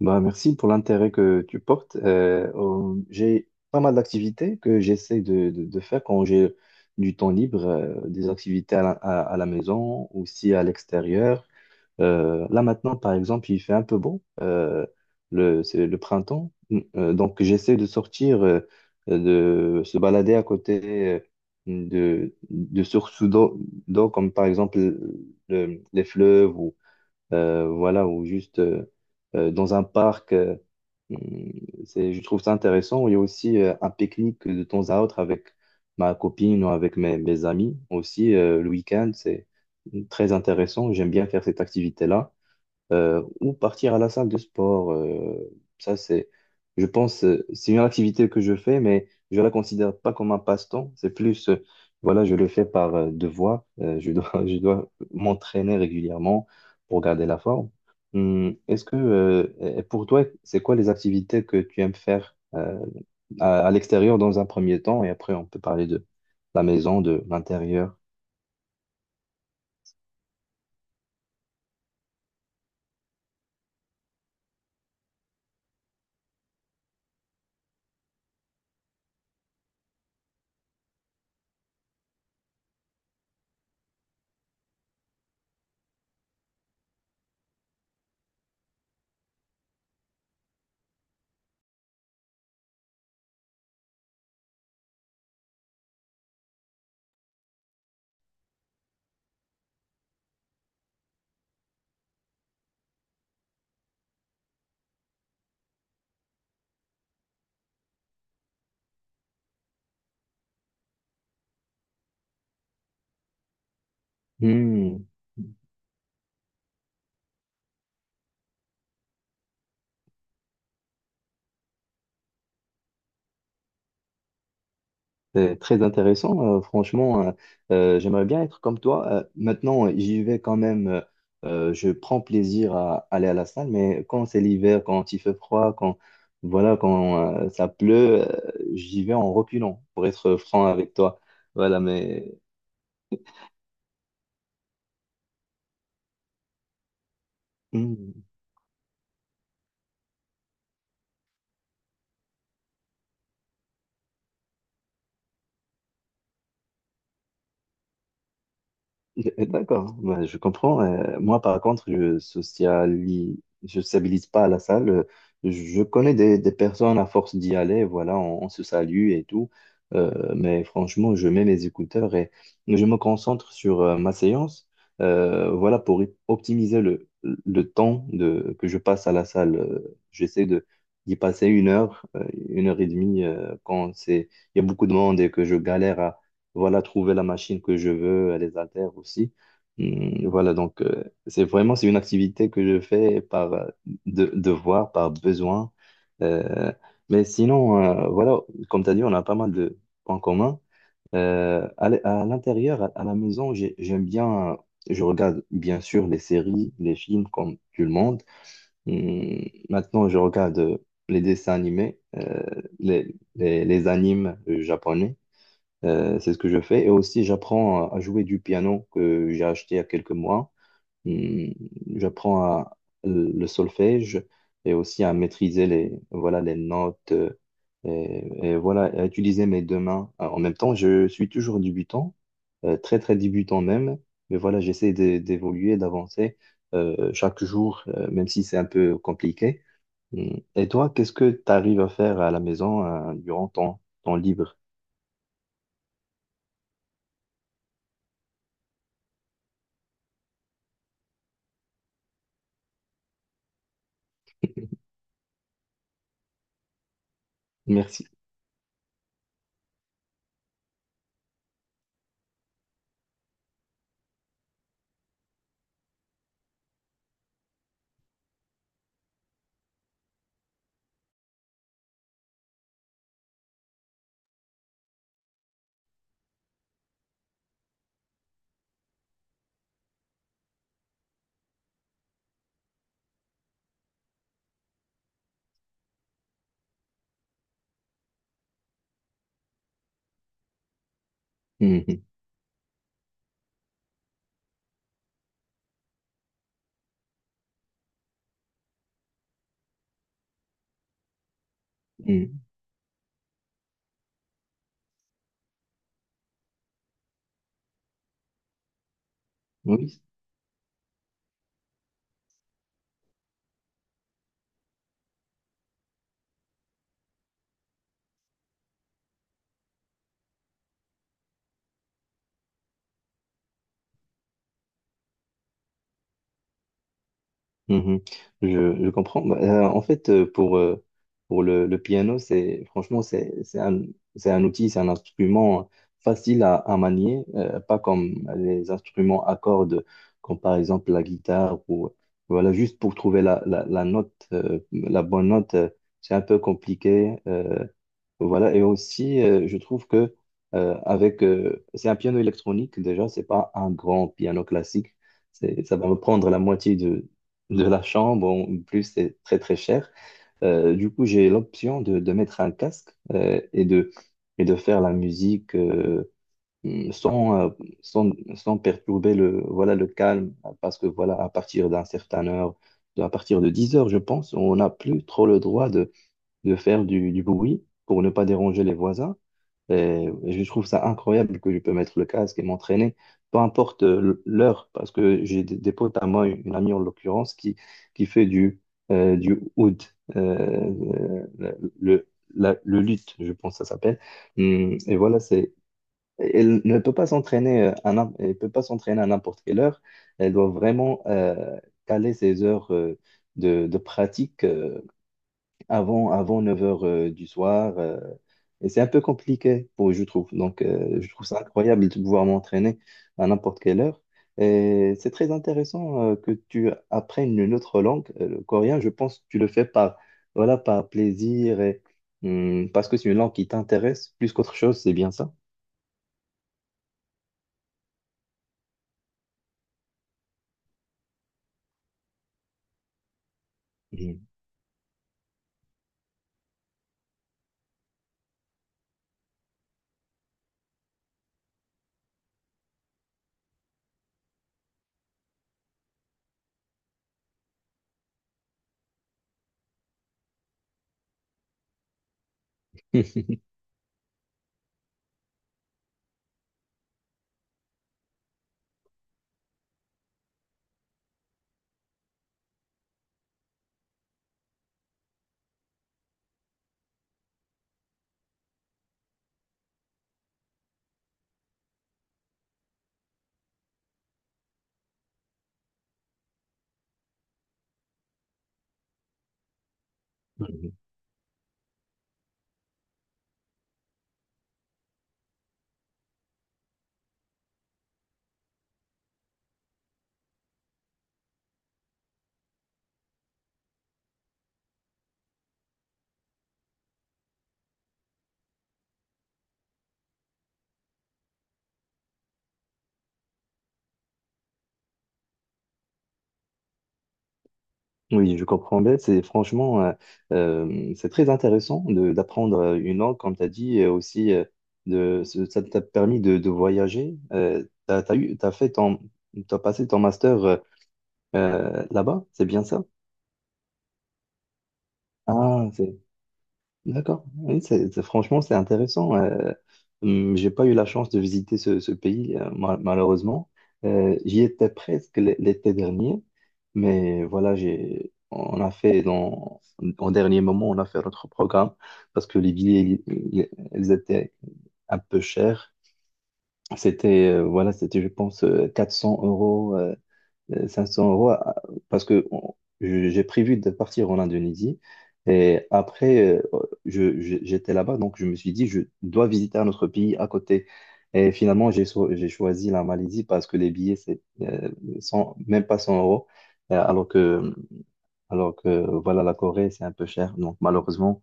Bah, merci pour l'intérêt que tu portes. J'ai pas mal d'activités que j'essaie de faire quand j'ai du temps libre, des activités à la maison, aussi à l'extérieur. Là maintenant, par exemple, il fait un peu beau, c'est le printemps, donc j'essaie de sortir, de se balader à côté de sources d'eau, comme par exemple les fleuves, voilà, ou juste dans un parc. Hum, je trouve ça intéressant. Il y a aussi un pique-nique de temps à autre avec ma copine ou avec mes amis aussi. Le week-end, c'est très intéressant. J'aime bien faire cette activité-là ou partir à la salle de sport. C'est, je pense, c'est une activité que je fais, mais je la considère pas comme un passe-temps. C'est plus, voilà, je le fais par devoir. Je dois, je dois m'entraîner régulièrement pour garder la forme. Et pour toi, c'est quoi les activités que tu aimes faire à l'extérieur dans un premier temps, et après on peut parler de la maison, de l'intérieur. Hum, C'est très intéressant, franchement, j'aimerais bien être comme toi. Maintenant, j'y vais quand même, je prends plaisir à aller à la salle, mais quand c'est l'hiver, quand il fait froid, quand voilà, quand ça pleut, j'y vais en reculant, pour être franc avec toi. Voilà, mais hmm. D'accord, ouais, je comprends. Moi, par contre, je sociabilise pas à la salle. Je connais des personnes à force d'y aller, voilà, on se salue et tout. Mais franchement, je mets mes écouteurs et je me concentre sur ma séance, voilà, optimiser le temps que je passe à la salle. J'essaie de d'y passer 1 heure, 1 heure et demie, il y a beaucoup de monde et que je galère voilà, trouver la machine que je veux, les haltères aussi. Voilà, donc c'est une activité que je fais par devoir, par besoin. Euh, mais sinon, voilà, comme tu as dit, on a pas mal de points communs. À l'intérieur, à la maison, j'aime bien, je regarde bien sûr les séries, les films comme tout le monde. Hum, Maintenant, je regarde les dessins animés, les animes japonais. C'est ce que je fais. Et aussi, j'apprends à jouer du piano que j'ai acheté il y a quelques mois. Hum, J'apprends à- le solfège et aussi à maîtriser les notes, et voilà, à utiliser mes deux mains. Alors, en même temps, je suis toujours débutant, très très débutant même. Mais voilà, j'essaie d'évoluer, d'avancer chaque jour, même si c'est un peu compliqué. Hum. Et toi, qu'est-ce que tu arrives à faire à la maison durant ton temps libre? Merci. Mm. Oui, mhm. Je, je comprends. Bah, en fait, pour le piano, c'est franchement, c'est un instrument, facile à manier, pas comme les instruments à cordes, comme par exemple la guitare, ou voilà, juste pour trouver la bonne note, c'est un peu compliqué. Voilà, et aussi, je trouve que c'est un piano électronique déjà, c'est pas un grand piano classique. Ça va me prendre la moitié de la chambre, en plus c'est très très cher. Du coup, j'ai l'option de mettre un casque et de faire la musique sans, euh, sans perturber voilà, le calme, parce que voilà, à partir de 10 heures, je pense, on n'a plus trop le droit de faire du bruit pour ne pas déranger les voisins. Et je trouve ça incroyable que je peux mettre le casque et m'entraîner, peu importe l'heure, parce que j'ai des potes à moi, une amie en l'occurrence, qui fait du oud, euh, le, le- le luth, je pense que ça s'appelle. Et voilà, c'est. Elle ne peut pas s'entraîner à, n'im- elle peut pas s'entraîner à n'importe quelle heure. Elle doit vraiment caler ses heures de pratique avant 9 heures du soir. Et c'est un peu compliqué, je trouve. Donc, je trouve ça incroyable de pouvoir m'entraîner à n'importe quelle heure. Et c'est très intéressant que tu apprennes une autre langue, le coréen. Je pense que tu le fais par plaisir et parce que c'est une langue qui t'intéresse plus qu'autre chose, c'est bien ça? Mhm. Oui, je comprends bien. C'est très intéressant d'apprendre une langue, comme tu as dit, et aussi ça t'a permis de voyager. T'as, t'as eu, t'as fait ton, t'as passé ton master là-bas, c'est bien ça? Ah, d'accord. Oui, franchement, c'est intéressant. J'ai pas eu la chance de visiter ce pays, malheureusement. J'y étais presque l'été dernier, mais voilà, on a fait en dernier moment, on a fait notre programme parce que les billets, ils ils étaient un peu chers. C'était, je pense, 400 euros 500 euros à- parce que on- je- j'ai prévu de partir en Indonésie et après j'étais là-bas donc je me suis dit je dois visiter un autre pays à côté et finalement j'ai choisi la Malaisie parce que les billets c'est même pas 100 euros, euh, alors que alors que voilà la Corée c'est un peu cher donc malheureusement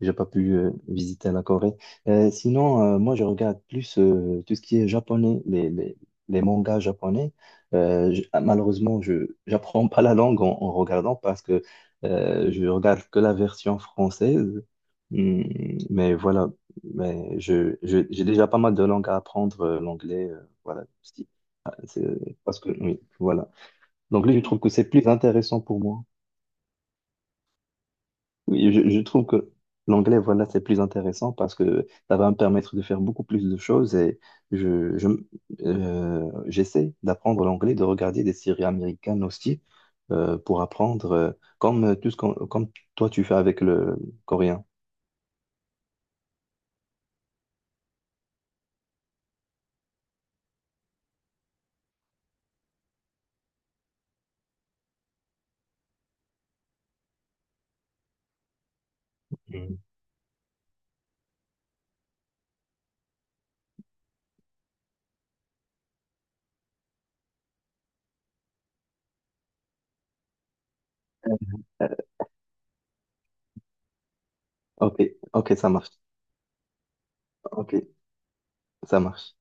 j'ai pas pu visiter la Corée. Sinon, moi, je regarde plus tout ce qui est japonais, les mangas japonais. Malheureusement, je j'apprends pas la langue en regardant parce que je regarde que la version française. Hmm, mais voilà, j'ai déjà pas mal de langues à apprendre, l'anglais, voilà. Parce que, oui, voilà. Donc, lui, je trouve que c'est plus intéressant pour moi. Oui, je trouve que l'anglais, voilà, c'est plus intéressant parce que ça va me permettre de faire beaucoup plus de choses et je, je, j'essaie d'apprendre l'anglais, de regarder des séries américaines aussi, pour apprendre, comme tout ce qu'on, comme toi tu fais avec le coréen. Mhm. Euh, Ok, ok, ça marche. Ok, ça marche.